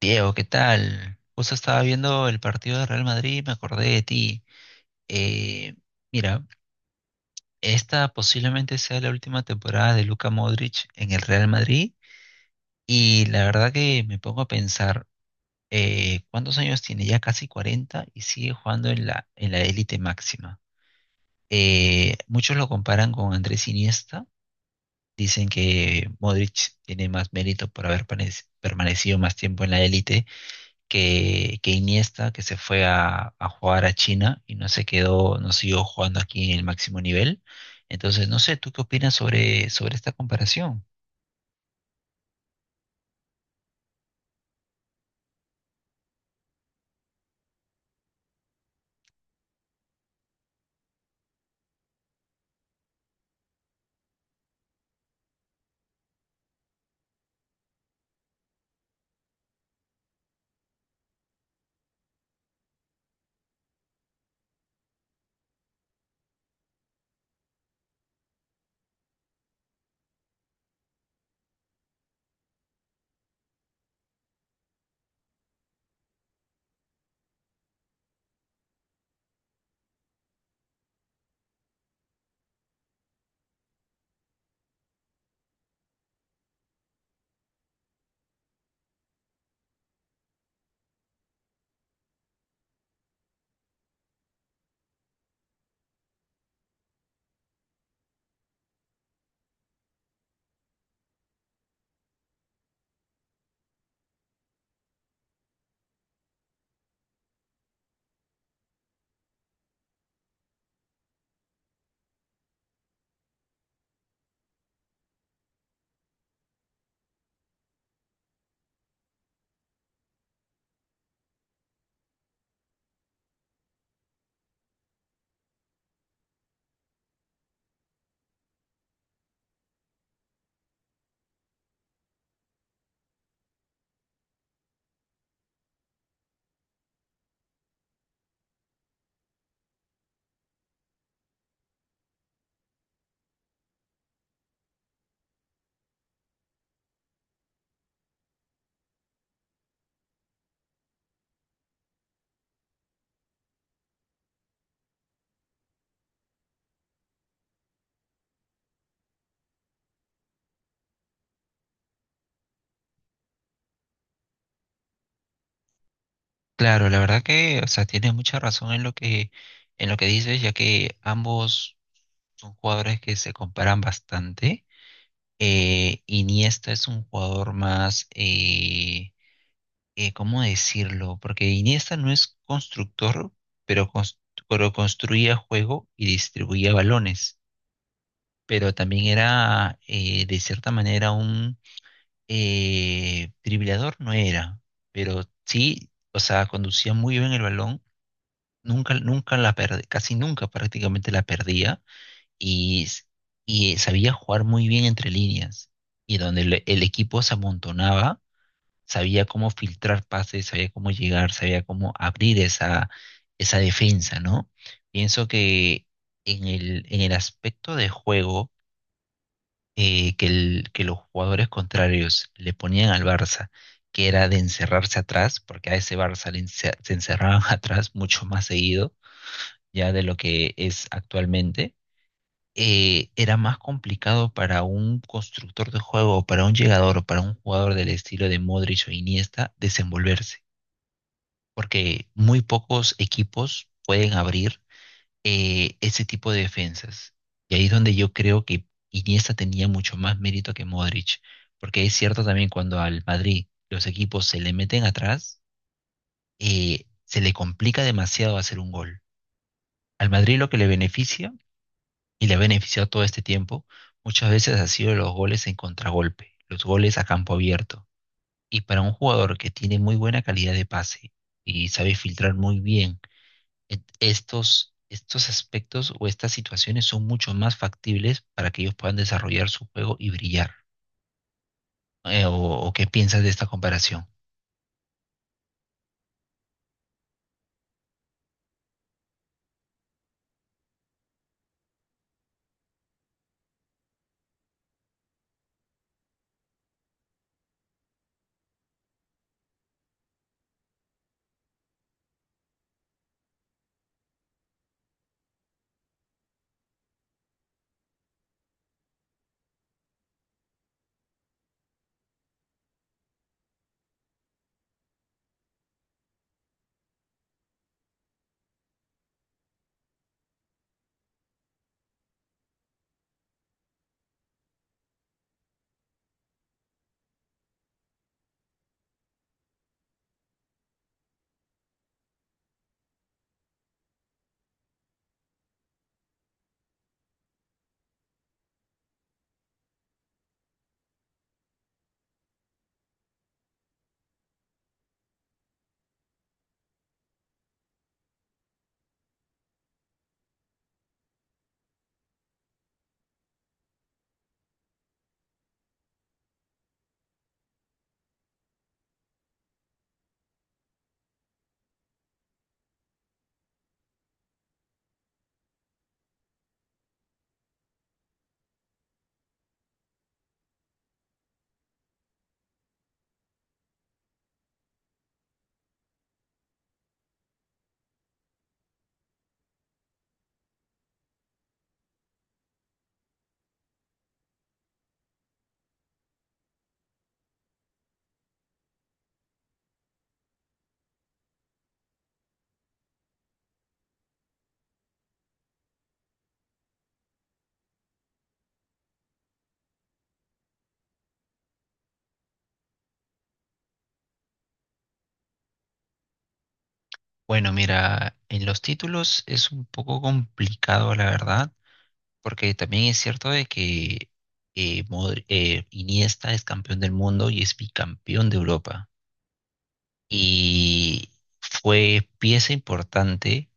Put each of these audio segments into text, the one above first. Diego, ¿qué tal? Justo estaba viendo el partido de Real Madrid y me acordé de ti. Eh, mira, esta posiblemente sea la última temporada de Luka Modric en el Real Madrid y la verdad que me pongo a pensar, ¿cuántos años tiene? Ya casi 40 y sigue jugando en la élite máxima. Muchos lo comparan con Andrés Iniesta, dicen que Modric tiene más mérito por permanecido más tiempo en la élite que Iniesta, que se fue a jugar a China y no se quedó, no siguió jugando aquí en el máximo nivel. Entonces, no sé, ¿tú qué opinas sobre esta comparación? Claro, la verdad que, o sea, tienes mucha razón en lo que dices, ya que ambos son jugadores que se comparan bastante. Iniesta es un jugador más, ¿cómo decirlo? Porque Iniesta no es constructor, pero, cons- pero construía juego y distribuía balones. Pero también era de cierta manera un dribleador, no era, pero sí, o sea, conducía muy bien el balón, nunca la perdía, casi nunca prácticamente la perdía y, s- y sabía jugar muy bien entre líneas y donde el equipo se amontonaba, sabía cómo filtrar pases, sabía cómo llegar, sabía cómo abrir esa defensa, ¿no? Pienso que en el aspecto de juego, que los jugadores contrarios le ponían al Barça, que era de encerrarse atrás, porque a ese Barça se encerraban atrás mucho más seguido ya de lo que es actualmente, era más complicado para un constructor de juego, para un llegador o para un jugador del estilo de Modric o Iniesta desenvolverse, porque muy pocos equipos pueden abrir ese tipo de defensas. Y ahí es donde yo creo que Iniesta tenía mucho más mérito que Modric, porque es cierto también cuando al Madrid los equipos se le meten atrás, se le complica demasiado hacer un gol. Al Madrid lo que le beneficia, y le ha beneficiado todo este tiempo, muchas veces ha sido los goles en contragolpe, los goles a campo abierto. Y para un jugador que tiene muy buena calidad de pase y sabe filtrar muy bien estos aspectos o estas situaciones son mucho más factibles para que ellos puedan desarrollar su juego y brillar. Eh, o, ¿o qué piensas de esta comparación? Bueno, mira, en los títulos es un poco complicado, la verdad, porque también es cierto de que Iniesta es campeón del mundo y es bicampeón de Europa. Y fue pieza importante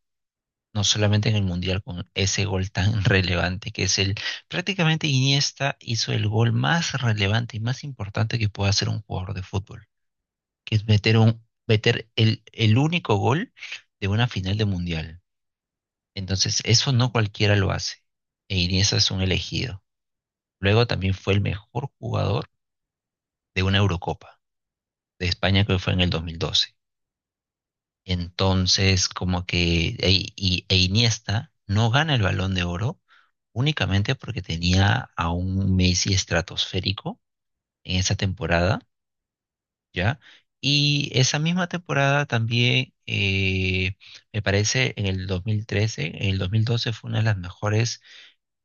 no solamente en el Mundial, con ese gol tan relevante que es el, prácticamente Iniesta hizo el gol más relevante y más importante que puede hacer un jugador de fútbol, que es meter el único gol de una final de Mundial. Entonces, eso no cualquiera lo hace. E Iniesta es un elegido. Luego también fue el mejor jugador de una Eurocopa de España que fue en el 2012. Entonces, como que e, y- e Iniesta no gana el Balón de Oro únicamente porque tenía a un Messi estratosférico en esa temporada, ¿ya? Y esa misma temporada también, me parece, en el 2012 fue una de las mejores,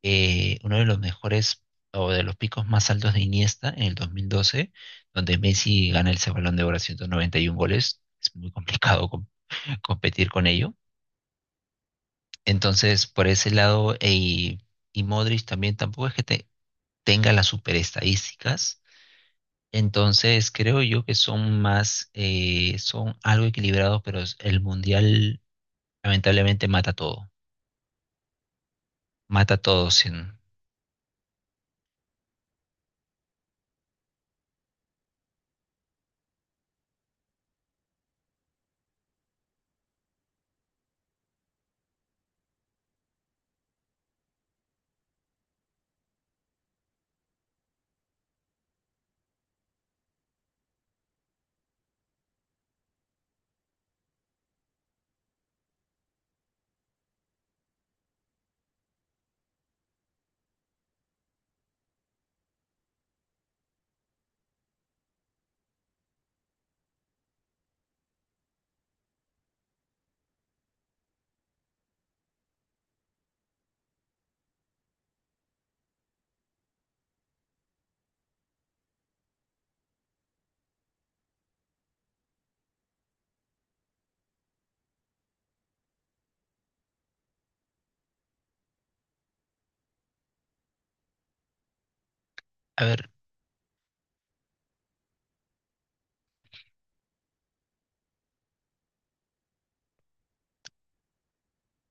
uno de los mejores o de los picos más altos de Iniesta en el 2012, donde Messi gana ese Balón de Oro a 191 goles. Es muy complicado competir con ello. Entonces, por ese lado, y Modric también tampoco es que tenga las super estadísticas. Entonces, creo yo que son más, son algo equilibrados, pero el mundial lamentablemente mata todo. Mata todo sin... A ver,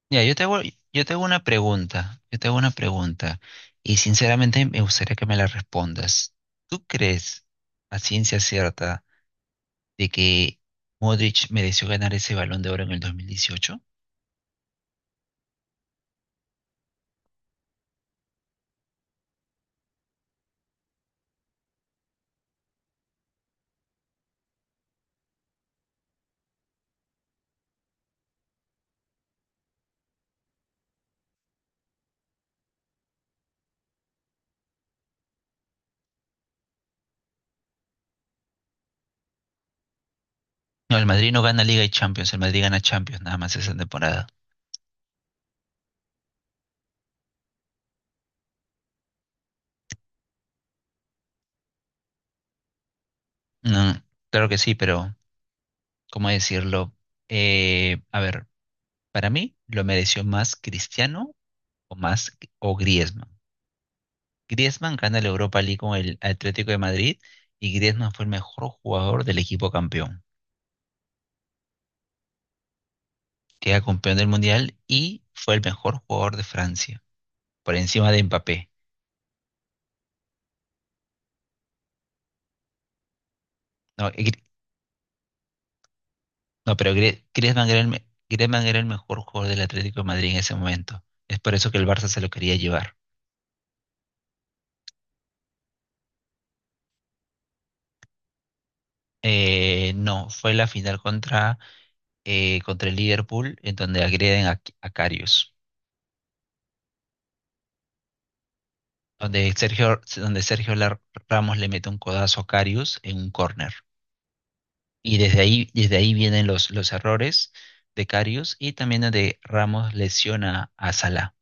ya, yo te hago una pregunta. Yo te hago una pregunta. Y sinceramente me gustaría que me la respondas. ¿Tú crees, a ciencia cierta, de que Modric mereció ganar ese Balón de Oro en el 2018? No, el Madrid no gana Liga y Champions, el Madrid gana Champions nada más esa temporada. No, claro que sí, pero ¿cómo decirlo? A ver, para mí lo mereció más Cristiano o más o Griezmann. Griezmann gana la Europa League con el Atlético de Madrid y Griezmann fue el mejor jugador del equipo campeón. Queda campeón del Mundial y fue el mejor jugador de Francia, por encima de Mbappé. No, Gri- No, pero Griezmann era el mejor jugador del Atlético de Madrid en ese momento. Es por eso que el Barça se lo quería llevar. No, fue la final contra el Liverpool, en donde agreden a Karius. Donde Ramos le mete un codazo a Karius en un córner. Y desde ahí vienen los errores de Karius y también donde Ramos lesiona a Salah.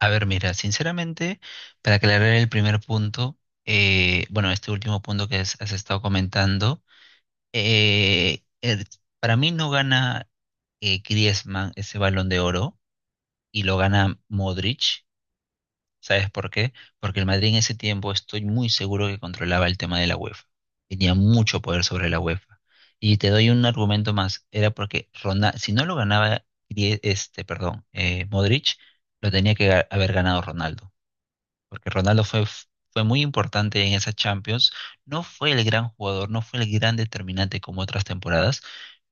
A ver, mira, sinceramente, para aclarar el primer punto, bueno, este último punto que has estado comentando, eh, el- para mí no gana Griezmann ese Balón de Oro y lo gana Modric. ¿Sabes por qué? Porque el Madrid en ese tiempo estoy muy seguro que controlaba el tema de la UEFA. Tenía mucho poder sobre la UEFA. Y te doy un argumento más, era porque Ronaldo, si no lo ganaba, Modric, lo tenía que haber ganado Ronaldo porque fue muy importante en esa Champions. No fue el gran jugador, no fue el gran determinante como otras temporadas,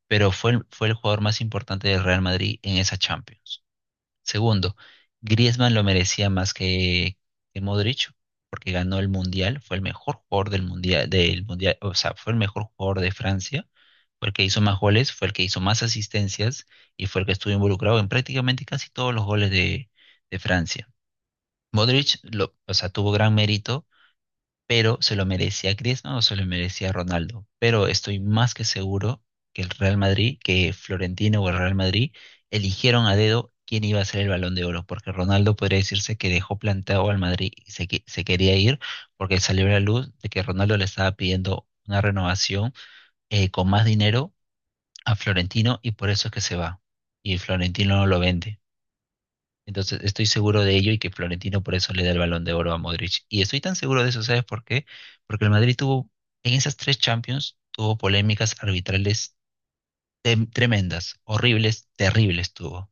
pero fue el jugador más importante del Real Madrid en esa Champions. Segundo, Griezmann lo merecía más que Modric, porque ganó el Mundial, fue el mejor jugador del Mundial, o sea, fue el mejor jugador de Francia. Fue el que hizo más goles, fue el que hizo más asistencias y fue el que estuvo involucrado en prácticamente casi todos los goles de Francia. Modric o sea, tuvo gran mérito, pero se lo merecía Griezmann o se lo merecía Ronaldo. Pero estoy más que seguro que el Real Madrid, que Florentino o el Real Madrid eligieron a dedo quién iba a ser el Balón de Oro, porque Ronaldo podría decirse que dejó plantado al Madrid y se quería ir porque salió a la luz de que Ronaldo le estaba pidiendo una renovación con más dinero a Florentino y por eso es que se va. Y Florentino no lo vende. Entonces estoy seguro de ello y que Florentino por eso le da el Balón de Oro a Modric. Y estoy tan seguro de eso, ¿sabes por qué? Porque en esas tres Champions, tuvo polémicas arbitrales tremendas, horribles, terribles tuvo,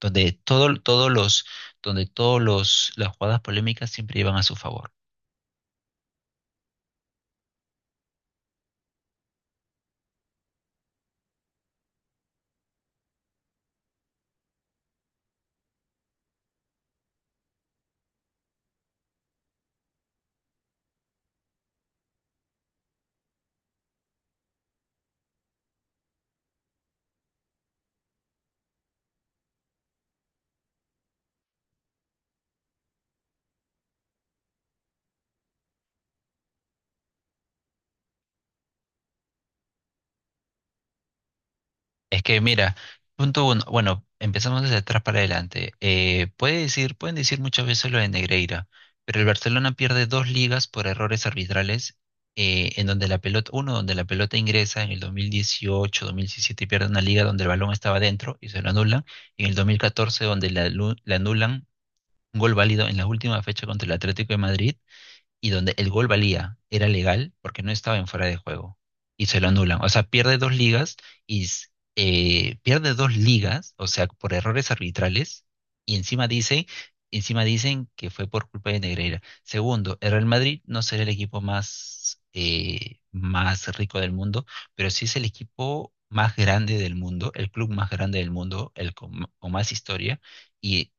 donde todo, todos los, donde todos los, las jugadas polémicas siempre iban a su favor. Es que mira, punto uno, bueno, empezamos desde atrás para adelante. Pueden decir muchas veces lo de Negreira, pero el Barcelona pierde dos ligas por errores arbitrales, en donde la pelota, uno, donde la pelota ingresa en el 2018, 2017 y pierde una liga donde el balón estaba dentro y se lo anulan, y en el 2014 donde le anulan un gol válido en la última fecha contra el Atlético de Madrid y donde el gol valía, era legal porque no estaba en fuera de juego y se lo anulan. O sea, pierde dos ligas y s- pierde dos ligas, o sea, por errores arbitrales y encima dicen que fue por culpa de Negreira. Segundo, el Real Madrid no será el equipo más, más rico del mundo, pero sí es el equipo más grande del mundo, el club más grande del mundo, el con más historia y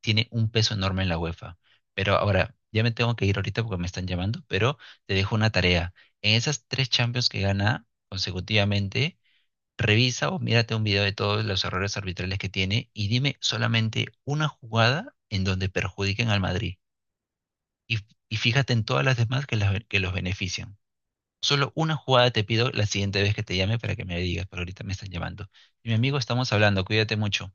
tiene un peso enorme en la UEFA. Pero ahora, ya me tengo que ir ahorita porque me están llamando, pero te dejo una tarea. En esas tres Champions que gana consecutivamente, revisa o mírate un video de todos los errores arbitrales que tiene y dime solamente una jugada en donde perjudiquen al Madrid. Y, y fíjate en todas las demás que los benefician. Solo una jugada te pido la siguiente vez que te llame para que me digas, pero ahorita me están llamando. Y mi amigo, estamos hablando, cuídate mucho.